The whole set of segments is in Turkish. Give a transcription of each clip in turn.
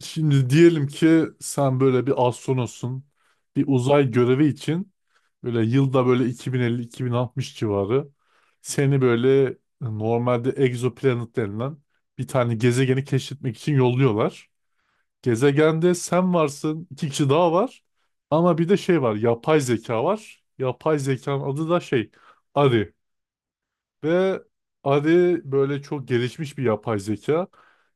Şimdi diyelim ki sen böyle bir astronotsun. Bir uzay görevi için böyle yılda böyle 2050-2060 civarı seni böyle normalde egzoplanet denilen bir tane gezegeni keşfetmek için yolluyorlar. Gezegende sen varsın, iki kişi daha var. Ama bir de şey var, yapay zeka var. Yapay zekanın adı da şey, Ari. Ve Ari böyle çok gelişmiş bir yapay zeka.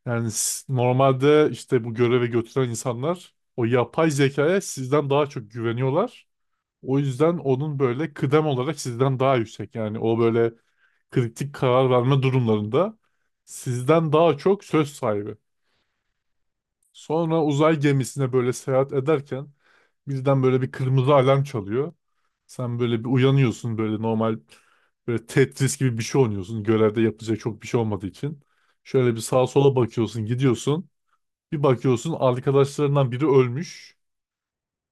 Yani normalde işte bu göreve götüren insanlar o yapay zekaya sizden daha çok güveniyorlar. O yüzden onun böyle kıdem olarak sizden daha yüksek. Yani o böyle kritik karar verme durumlarında sizden daha çok söz sahibi. Sonra uzay gemisine böyle seyahat ederken birden böyle bir kırmızı alarm çalıyor. Sen böyle bir uyanıyorsun böyle normal böyle Tetris gibi bir şey oynuyorsun. Görevde yapacak çok bir şey olmadığı için. Şöyle bir sağa sola bakıyorsun, gidiyorsun. Bir bakıyorsun arkadaşlarından biri ölmüş.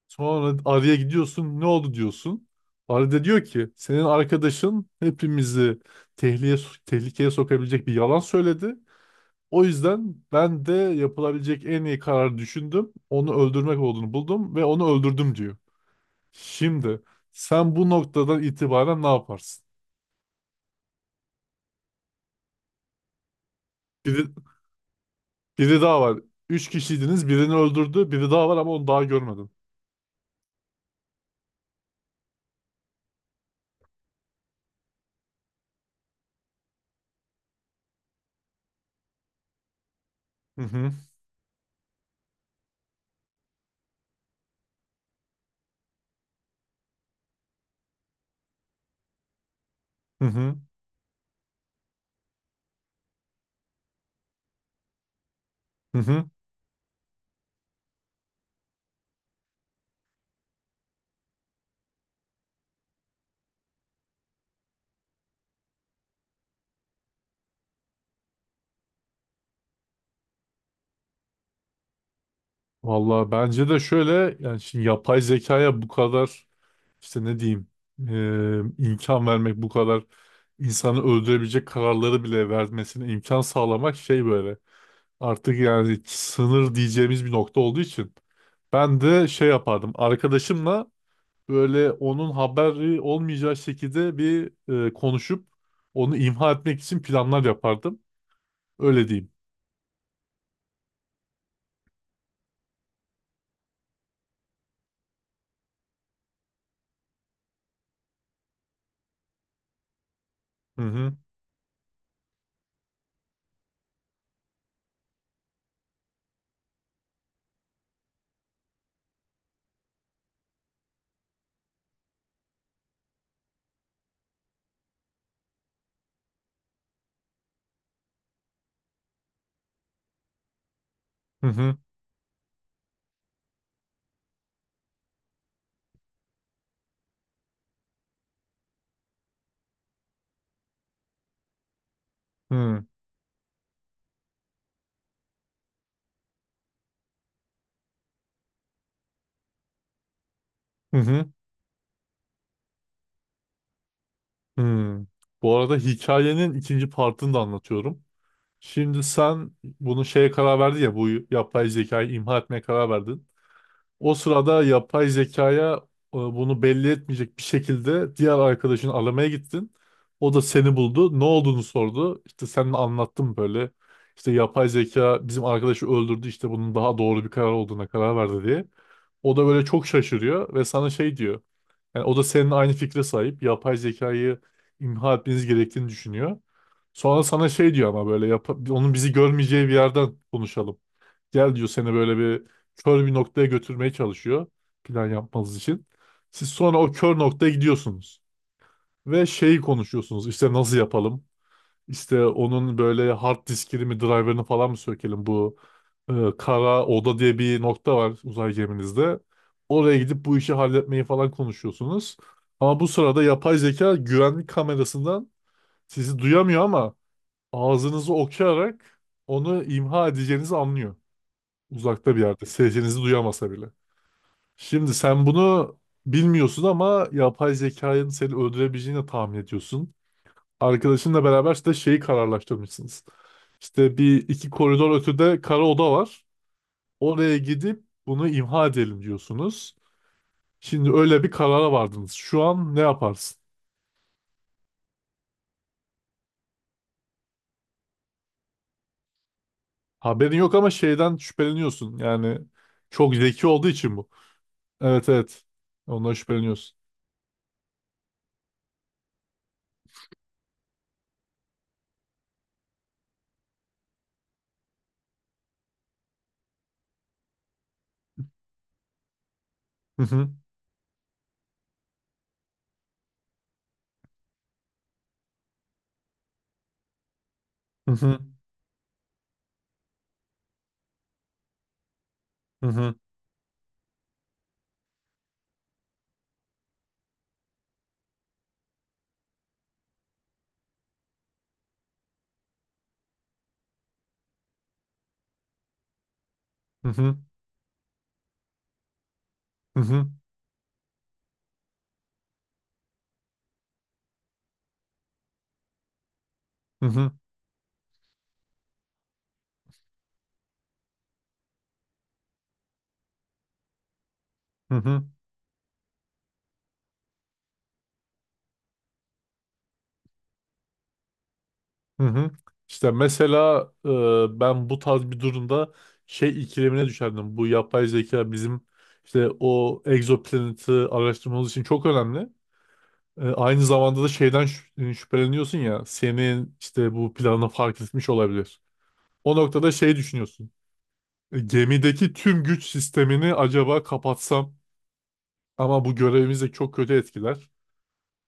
Sonra Arya gidiyorsun, ne oldu diyorsun. Arya da diyor ki senin arkadaşın hepimizi tehlikeye, tehlikeye sokabilecek bir yalan söyledi. O yüzden ben de yapılabilecek en iyi kararı düşündüm. Onu öldürmek olduğunu buldum ve onu öldürdüm diyor. Şimdi sen bu noktadan itibaren ne yaparsın? Biri, biri daha var. Üç kişiydiniz. Birini öldürdü. Biri daha var ama onu daha görmedin. Hı hı. Hı hı. Hı hı. Vallahi bence de şöyle yani şimdi yapay zekaya bu kadar işte ne diyeyim imkan vermek, bu kadar insanı öldürebilecek kararları bile vermesine imkan sağlamak şey böyle. Artık yani sınır diyeceğimiz bir nokta olduğu için ben de şey yapardım. Arkadaşımla böyle onun haberi olmayacağı şekilde bir konuşup onu imha etmek için planlar yapardım. Öyle diyeyim. Hı hı. Hı hı. Hı hı. Hı. Hı. Bu arada hikayenin ikinci partını da anlatıyorum. Şimdi sen bunu şeye karar verdin ya, bu yapay zekayı imha etmeye karar verdin. O sırada yapay zekaya bunu belli etmeyecek bir şekilde diğer arkadaşını aramaya gittin. O da seni buldu. Ne olduğunu sordu. İşte sen de anlattın böyle. İşte yapay zeka bizim arkadaşı öldürdü. İşte bunun daha doğru bir karar olduğuna karar verdi diye. O da böyle çok şaşırıyor ve sana şey diyor. Yani o da senin aynı fikre sahip. Yapay zekayı imha etmeniz gerektiğini düşünüyor. Sonra sana şey diyor, ama böyle yap, onun bizi görmeyeceği bir yerden konuşalım. Gel diyor, seni böyle bir kör bir noktaya götürmeye çalışıyor. Plan yapmanız için. Siz sonra o kör noktaya gidiyorsunuz. Ve şeyi konuşuyorsunuz. İşte nasıl yapalım? İşte onun böyle hard diskini mi, driver'ını falan mı sökelim? Bu e, kara oda diye bir nokta var uzay geminizde. Oraya gidip bu işi halletmeyi falan konuşuyorsunuz. Ama bu sırada yapay zeka güvenlik kamerasından sizi duyamıyor ama ağzınızı okuyarak onu imha edeceğinizi anlıyor. Uzakta bir yerde. Sesinizi duyamasa bile. Şimdi sen bunu bilmiyorsun ama yapay zekanın seni öldürebileceğini tahmin ediyorsun. Arkadaşınla beraber işte şeyi kararlaştırmışsınız. İşte bir iki koridor ötede kara oda var. Oraya gidip bunu imha edelim diyorsunuz. Şimdi öyle bir karara vardınız. Şu an ne yaparsın? Haberin yok ama şeyden şüpheleniyorsun. Yani çok zeki olduğu için bu. Evet, evet. Ondan şüpheleniyorsun. Hı hı. Hı hı. Hı hı. Hı hı. Hı hı. Hı hı. Hı hı. Hı hı. İşte mesela ben bu tarz bir durumda şey ikilemine düşerdim. Bu yapay zeka bizim işte o egzoplaneti araştırmamız için çok önemli. Aynı zamanda da şeyden şüpheleniyorsun ya, senin işte bu planı fark etmiş olabilir. O noktada şey düşünüyorsun. Gemideki tüm güç sistemini acaba kapatsam, ama bu görevimizi çok kötü etkiler.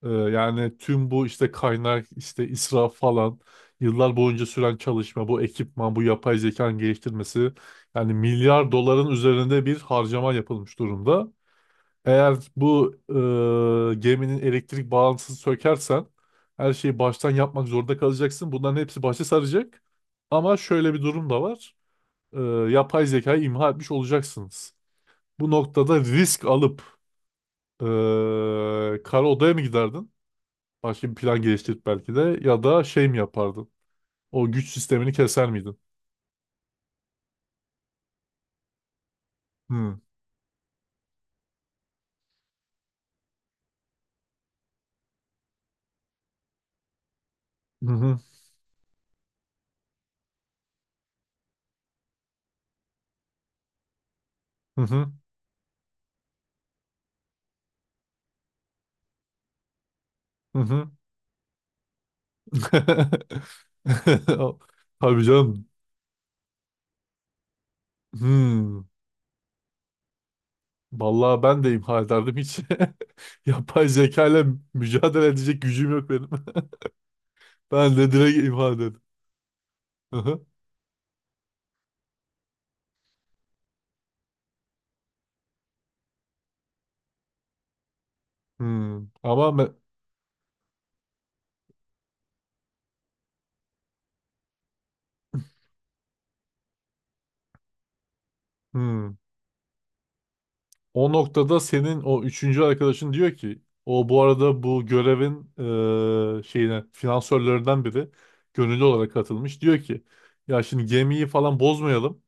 Yani tüm bu işte kaynak, işte israf falan, yıllar boyunca süren çalışma, bu ekipman, bu yapay zekanın geliştirmesi, yani milyar doların üzerinde bir harcama yapılmış durumda. Eğer bu geminin elektrik bağlantısını sökersen, her şeyi baştan yapmak zorunda kalacaksın. Bunların hepsi başa saracak. Ama şöyle bir durum da var. Ee, Yapay zekayı imha etmiş olacaksınız. Bu noktada risk alıp kara odaya mı giderdin? Başka bir plan geliştirip belki de, ya da şey mi yapardın? O güç sistemini keser miydin? Hmm. Hı hı. Hı hı. Hı hı. Tabii canım. Hmm. Vallahi ben de imha ederdim hiç. Yapay zeka ile mücadele edecek gücüm yok benim. Ben de direkt imha ederim. Hı hı. Hmm. Ama me- hmm. O noktada senin o üçüncü arkadaşın diyor ki o, bu arada bu görevin şeyine, finansörlerinden biri gönüllü olarak katılmış. Diyor ki ya şimdi gemiyi falan bozmayalım.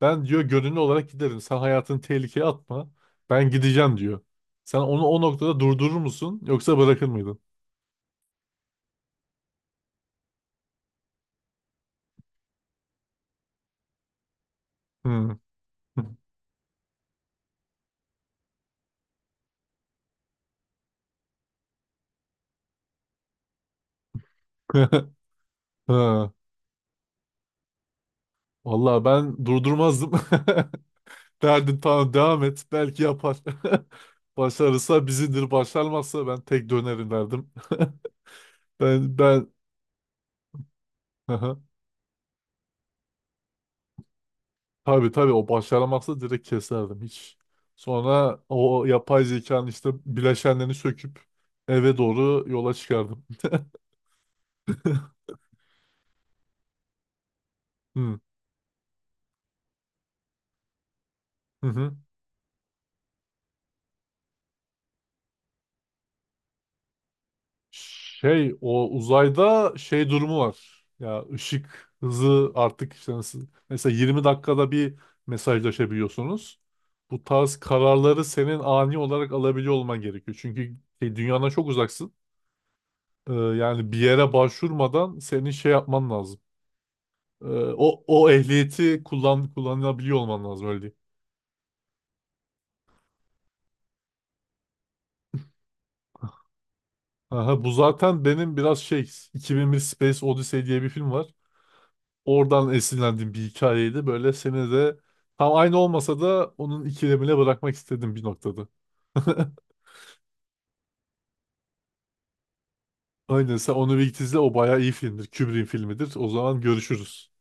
Ben diyor gönüllü olarak giderim. Sen hayatını tehlikeye atma. Ben gideceğim diyor. Sen onu o noktada durdurur musun yoksa bırakır mıydın? Hmm. Ha. Vallahi ben durdurmazdım. Derdin tamam, devam et. Belki yapar. Başarırsa bizindir. Başarmazsa ben tek dönerim derdim. Ben ben Aha. Tabii, tabii, o başaramazsa direkt keserdim hiç. Sonra o yapay zekanın işte bileşenlerini söküp eve doğru yola çıkardım. Hı. Hı hı. Şey, o uzayda şey durumu var. Ya ışık hızı artık işte nasıl, mesela 20 dakikada bir mesajlaşabiliyorsunuz. Bu tarz kararları senin ani olarak alabiliyor olman gerekiyor. Çünkü şey, dünyadan çok uzaksın. Yani bir yere başvurmadan senin şey yapman lazım. Ee, o ehliyeti kullanabiliyor olman lazım, öyle diyeyim. Aha, bu zaten benim biraz şey, 2001 Space Odyssey diye bir film var. Oradan esinlendiğim bir hikayeydi. Böyle seni de tam aynı olmasa da onun ikilemine bırakmak istedim bir noktada. Aynen, sen onu bir git izle, o bayağı iyi filmdir. Kubrick'in filmidir. O zaman görüşürüz.